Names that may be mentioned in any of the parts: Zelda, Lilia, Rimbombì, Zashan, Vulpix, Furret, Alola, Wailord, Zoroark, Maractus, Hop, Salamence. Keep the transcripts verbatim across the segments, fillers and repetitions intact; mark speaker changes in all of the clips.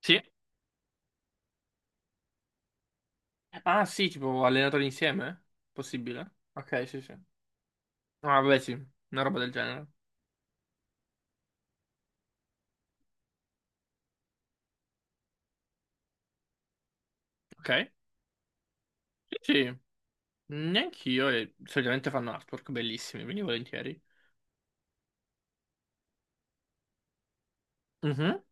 Speaker 1: Sì? Ah, sì, tipo allenatori insieme? Possibile? Ok, sì, sì. Ah, vabbè, sì, una roba del genere. Ok. Sì, sì. Neanch'io, e solitamente fanno artwork bellissimi, quindi volentieri. Mhm.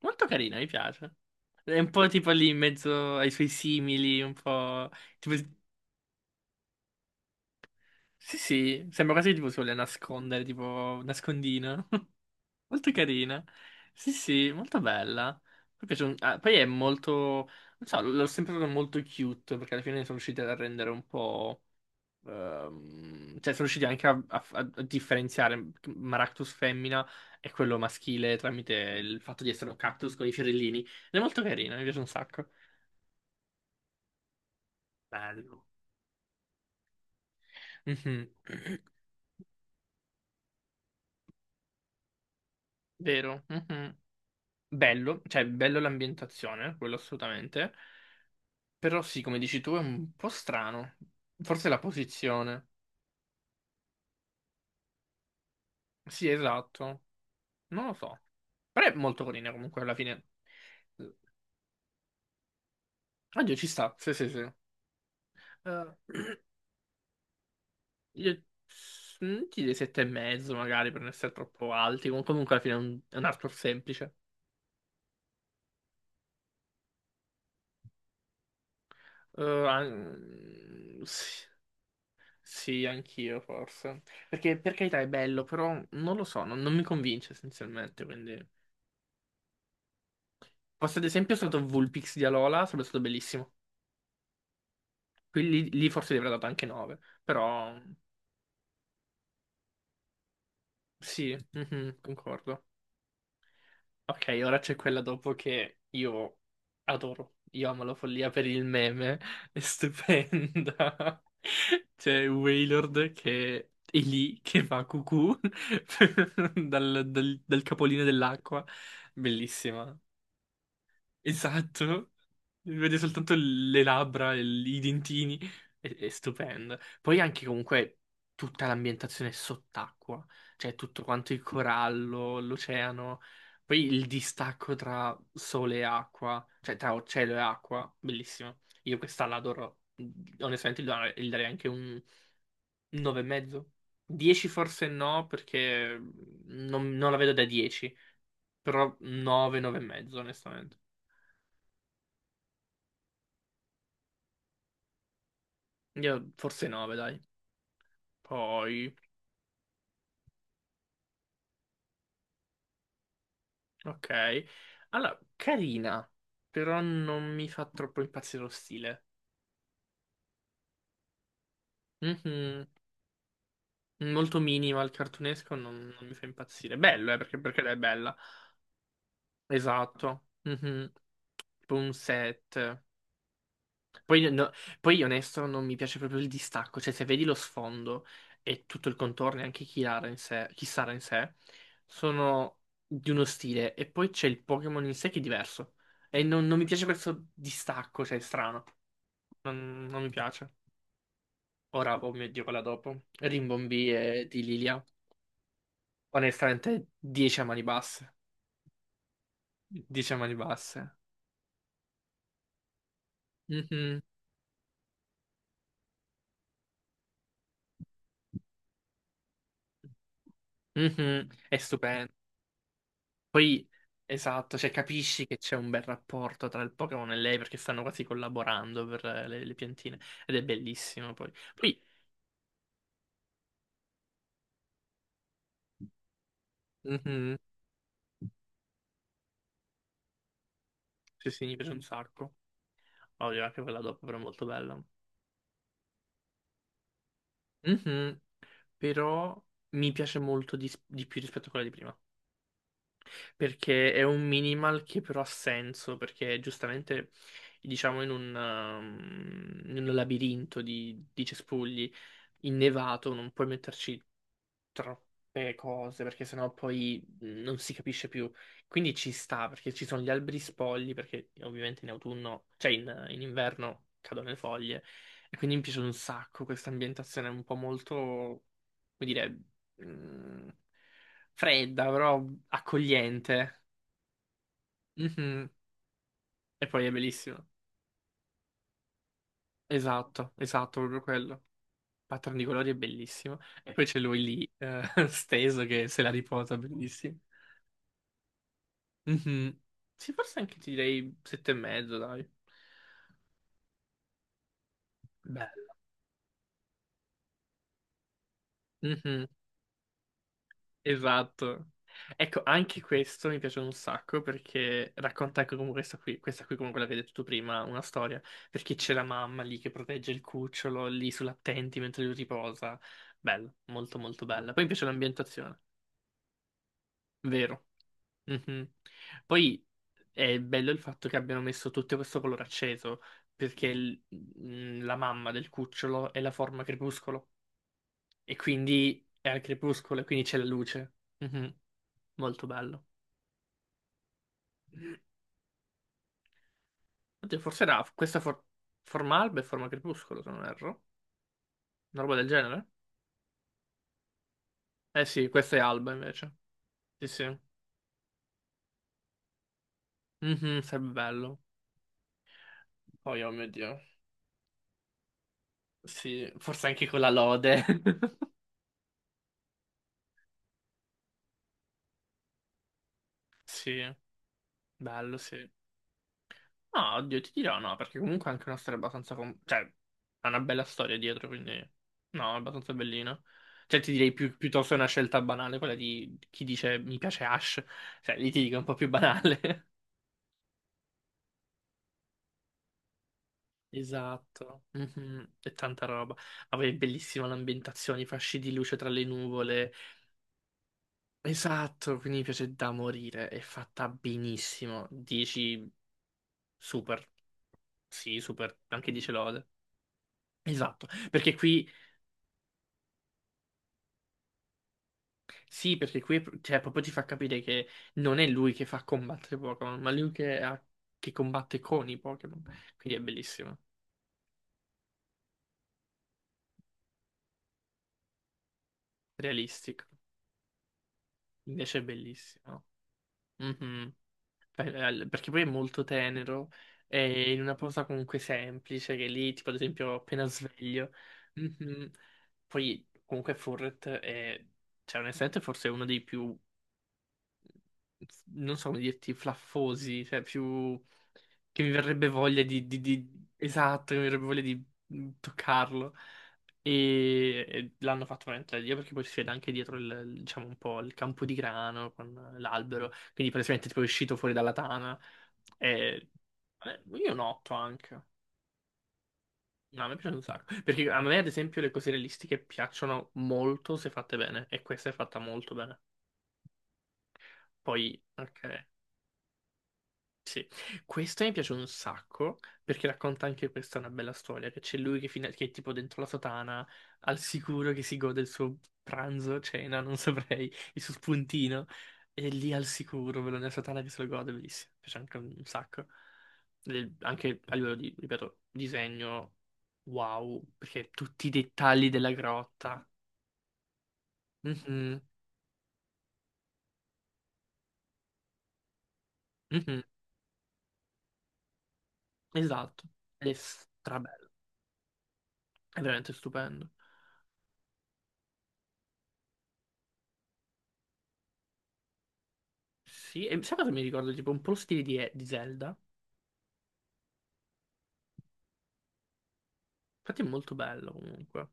Speaker 1: Molto carina, mi piace. È un po' tipo lì in mezzo ai suoi simili, un po'... Tipo... Sì, sì, sembra quasi tipo sulle nascondere, tipo nascondina. Molto carina. Sì, sì, molto bella. Mi piace un- ah, poi è molto, non so, l'ho sempre trovato molto cute, perché alla fine sono riusciti a rendere un po'... ehm, cioè, sono riusciti anche a, a- a differenziare Maractus femmina e quello maschile tramite il fatto di essere un cactus con i fiorellini. Ed è molto carina, mi piace un sacco. Bello. Mhm. Vero. Mhm. Bello, cioè bello l'ambientazione, quello assolutamente. Però sì, come dici tu, è un po' strano. Forse la posizione. Sì, esatto. Non lo so. Però è molto carina comunque alla fine. Oddio, ci sta. Sì, sì, sì. Eh, io mm, ti dei sette e mezzo magari per non essere troppo alti. Com- Comunque alla fine è un, è un artwork semplice. Eh, an- sì, sì, anch'io forse. Perché per carità è bello, però non lo so, non, non mi convince essenzialmente, quindi... Posso ad esempio è stato Vulpix di Alola, sarebbe stato bellissimo. Qui lì, lì forse gli avrei dato anche nove, però sì, mhm, concordo. Ok, ora c'è quella dopo che io adoro. Io amo la follia per il meme, è stupenda. C'è Wailord che è lì, che fa cucù dal, dal dal capolinea dell'acqua, bellissima. Esatto, vede soltanto le labbra, il- i dentini, è, è stupendo. Poi anche comunque tutta l'ambientazione sott'acqua, cioè tutto quanto il corallo, l'oceano, poi il distacco tra sole e acqua, cioè tra cielo e acqua, bellissimo. Io questa l'adoro, onestamente gli darei gli darei anche un nove e mezzo. dieci forse no, perché non, non la vedo da dieci, però nove, nove e mezzo, onestamente. Io forse nove, dai. Poi, ok. Allora, carina, però non mi fa troppo impazzire lo stile. Mhm. Molto minima, il cartunesco non, non mi fa impazzire. Bello, eh, perché, perché è bella. Esatto. Mhm. Tipo un sette. Poi, no- no, poi onesto non mi piace proprio il distacco, cioè se vedi lo sfondo e tutto il contorno e anche chi Chiara in sé, chi Sara in sé, sono di uno stile e poi c'è il Pokémon in sé che è diverso e non, non mi piace questo distacco, cioè è strano, non, non mi piace. Ora, oh mio Dio, quella dopo, Rimbombì e di Lilia, onestamente dieci a mani basse, dieci a mani basse. Mhm. Mhm. È stupendo. Poi, esatto, cioè capisci che c'è un bel rapporto tra il Pokémon e lei perché stanno quasi collaborando per eh, le, le piantine ed è bellissimo poi. Poi, mhm, sì, sì, mi piace un sacco. Ovvio, anche quella dopo però è molto bella. Mhm. Però mi piace molto di, di più rispetto a quella di prima. Perché è un minimal che però ha senso, perché giustamente, diciamo, in un, um, in un labirinto di, di cespugli innevato non puoi metterci troppe cose, perché sennò poi mhmm, non si capisce più. Quindi ci sta, perché ci sono gli alberi spogli, perché ovviamente in autunno, cioè in, in inverno cadono le foglie, e quindi mi piace un sacco questa ambientazione un po' molto, come dire, mh, fredda, però accogliente. Mhm. E poi è bellissimo. Esatto, esatto, proprio quello. Il pattern di colori è bellissimo. E poi c'è lui lì, eh, steso, che se la riposa, bellissimo. Mhm. Sì, forse anche ti direi sette e mezzo, dai. Bella. Mhm. Esatto. Ecco, anche questo mi piace un sacco perché racconta anche come questa qui, questa qui come quella che hai detto tu prima, una storia, perché c'è la mamma lì che protegge il cucciolo lì sull'attenti mentre lui riposa. Bella, molto molto bella. Poi mi piace l'ambientazione, vero. Mhm. Poi è bello il fatto che abbiano messo tutto questo colore acceso, perché il- mh, la mamma del cucciolo è la forma crepuscolo, e quindi è al crepuscolo, e quindi c'è la luce. Mhm. Molto bello. Oddio, forse era questa for- forma alba e forma crepuscolo, se non erro. Una roba del genere? Eh sì, questa è alba invece. Sì, sì. Mhm, sarebbe bello. Poi, oh mio Dio. Sì, forse anche con la lode. Sì, bello, sì. No, oddio, ti dirò no, perché comunque è anche una storia abbastanza... com- cioè, ha una bella storia dietro, quindi... No, è abbastanza bellina. Cioè, ti direi più, piuttosto è una scelta banale, quella di chi dice mi piace Ash. Cioè, lì ti dico è un po' più banale. Esatto. Mhm. E tanta roba. Ma poi è bellissima l'ambientazione, i fasci di luce tra le nuvole. Esatto, quindi mi piace da morire. È fatta benissimo. dieci super. Sì, super. Anche dieci lode. Esatto, perché qui. Sì, perché qui è pro- cioè, proprio ti fa capire che non è lui che fa combattere Pokémon, ma lui che, ha- che combatte con i Pokémon. Quindi è bellissimo, realistico. Invece è bellissimo. Mhm. Per- eh, Perché poi è molto tenero, è in una posa comunque semplice, che lì, tipo ad esempio, appena sveglio. Mhm. Poi comunque Furret è, cioè onestamente forse è uno dei più non so come dirti, flaffosi, cioè più che mi verrebbe voglia di, di- di- esatto, che mi verrebbe voglia di mm, toccarlo. E, e l'hanno fatto veramente da Dio perché poi si vede anche dietro il, il- diciamo un po' il campo di grano con l'albero. Quindi praticamente tipo è uscito fuori dalla tana. E, eh, io noto anche. No, mi piace un sacco. Perché a me, ad esempio, le cose realistiche piacciono molto se fatte bene. E questa è fatta molto bene. Poi, ok. Sì, questa mi piace un sacco perché racconta anche questa una bella storia, che c'è lui che, fino- che è tipo dentro la sotana, al sicuro che si gode il suo pranzo, cena, non saprei, il suo spuntino, e lì al sicuro, quello nella sotana che se lo gode, bellissimo, mi piace anche un sacco. E anche a livello di, ripeto, disegno, wow, perché tutti i dettagli della grotta. Mhm, mhm, esatto, è strabello, è veramente stupendo. Sì, e sai cosa mi ricordo? Tipo un po' lo stile di, di Zelda. Infatti è molto bello comunque.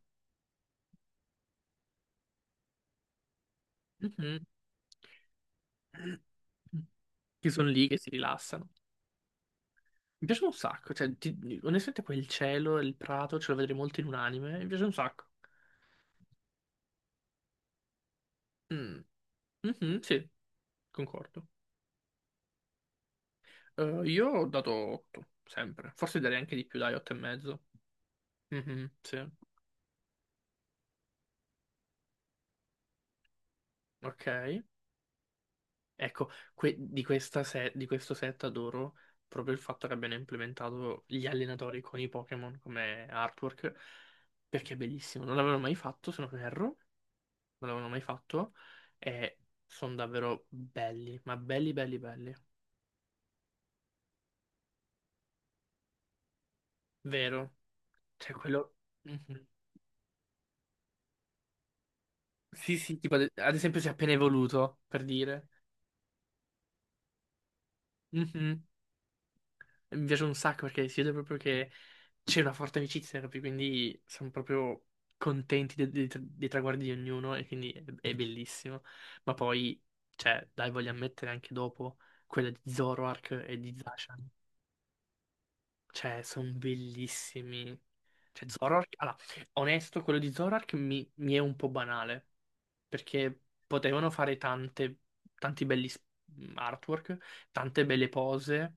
Speaker 1: Mhm. Che sono lì, che si rilassano. Mi piace un sacco, cioè, ti- onestamente quel cielo e il prato ce lo vedrei molto in un anime, mi piace un sacco. Mm. Mhm, sì, concordo. Eh, io ho dato otto, sempre. Forse darei anche di più, dai, otto e mezzo. Mhm, sì. Ok. Ecco, que- di, questa se- di questo set adoro proprio il fatto che abbiano implementato gli allenatori con i Pokémon come artwork, perché è bellissimo. Non l'avevano mai fatto, se non erro, non l'avevano mai fatto, e sono davvero belli, ma belli, belli, belli. Vero? Cioè, quello... Mhm. Sì, sì, tipo ad ad esempio si è appena evoluto, per dire. Mhm. Mi piace un sacco perché si vede proprio che c'è una forte amicizia, capi? Quindi siamo proprio contenti de- de- dei, traguardi di ognuno e quindi è, è bellissimo. Ma poi, cioè, dai, voglio ammettere anche dopo quella di Zoroark e di Zashan. Cioè, sono bellissimi. Cioè, Zoroark... Allora, onesto, quello di Zoroark mi, mi è un po' banale, perché potevano fare tante, tanti belli s- artwork, tante belle pose.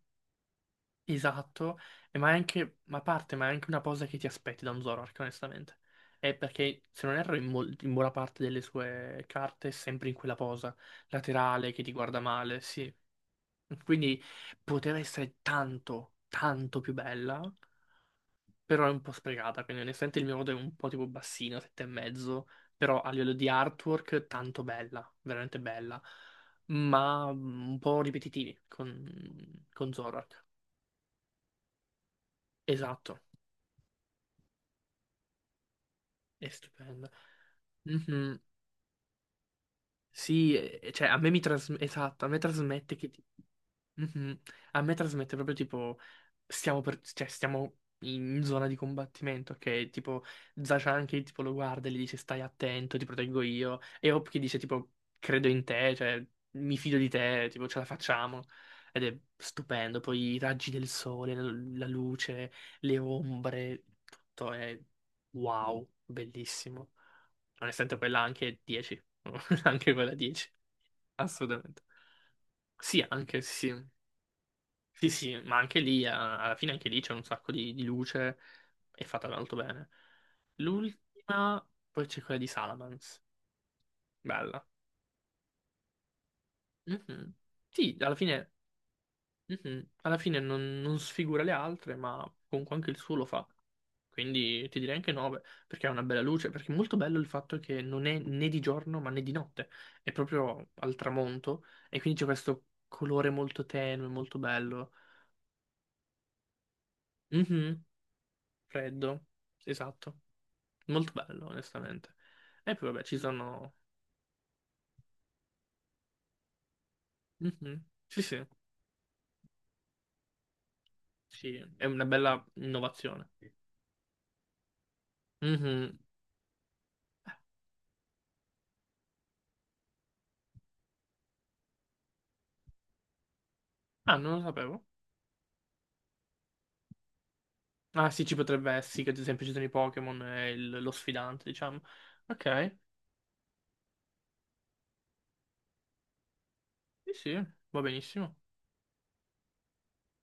Speaker 1: Esatto, e ma è anche, ma a parte, ma è anche una cosa che ti aspetti da un Zoroark, onestamente. È perché, se non erro, in, mol- in buona parte delle sue carte è sempre in quella posa, laterale, che ti guarda male, sì. Quindi poteva essere tanto, tanto più bella, però è un po' sprecata, quindi onestamente il mio voto è un po' tipo bassino, sette e mezzo, però a livello di artwork tanto bella, veramente bella, ma un po' ripetitivi con, con Zoroark. Esatto. È stupendo. Mhm. Sì, eh, cioè a me mi trasmette, esatto, a me trasmette che... ti- Mhm. A me trasmette proprio tipo, stiamo, per- cioè, stiamo in zona di combattimento, ok? Tipo, Zachan che tipo lo guarda e gli dice stai attento, ti proteggo io. E Hop che dice tipo, credo in te, cioè, mi fido di te, tipo, ce la facciamo. Ed è stupendo, poi i raggi del sole, la la luce, le ombre, tutto è wow, bellissimo onestamente quella anche dieci, anche quella dieci, assolutamente. Sì, anche sì, sì, sì, sì, ma anche lì, eh, alla fine anche lì c'è un sacco di, di luce, è fatta molto bene. L'ultima, poi c'è quella di Salamence, bella. Mhm. Sì, alla fine. Mhm. Alla fine non, non sfigura le altre, ma comunque anche il suo lo fa. Quindi ti direi anche nove, perché ha una bella luce, perché è molto bello il fatto che non è né di giorno ma né di notte, è proprio al tramonto e quindi c'è questo colore molto tenue, molto bello. Mhm. Freddo, esatto, molto bello onestamente. E poi vabbè ci sono... Mhm. Sì, sì, sì, è una bella innovazione. Mhm. Ah, non lo sapevo. Ah sì, ci potrebbe essere, sì, che ad esempio ci sono i Pokémon e il- lo sfidante, diciamo. Ok, sì sì, va benissimo.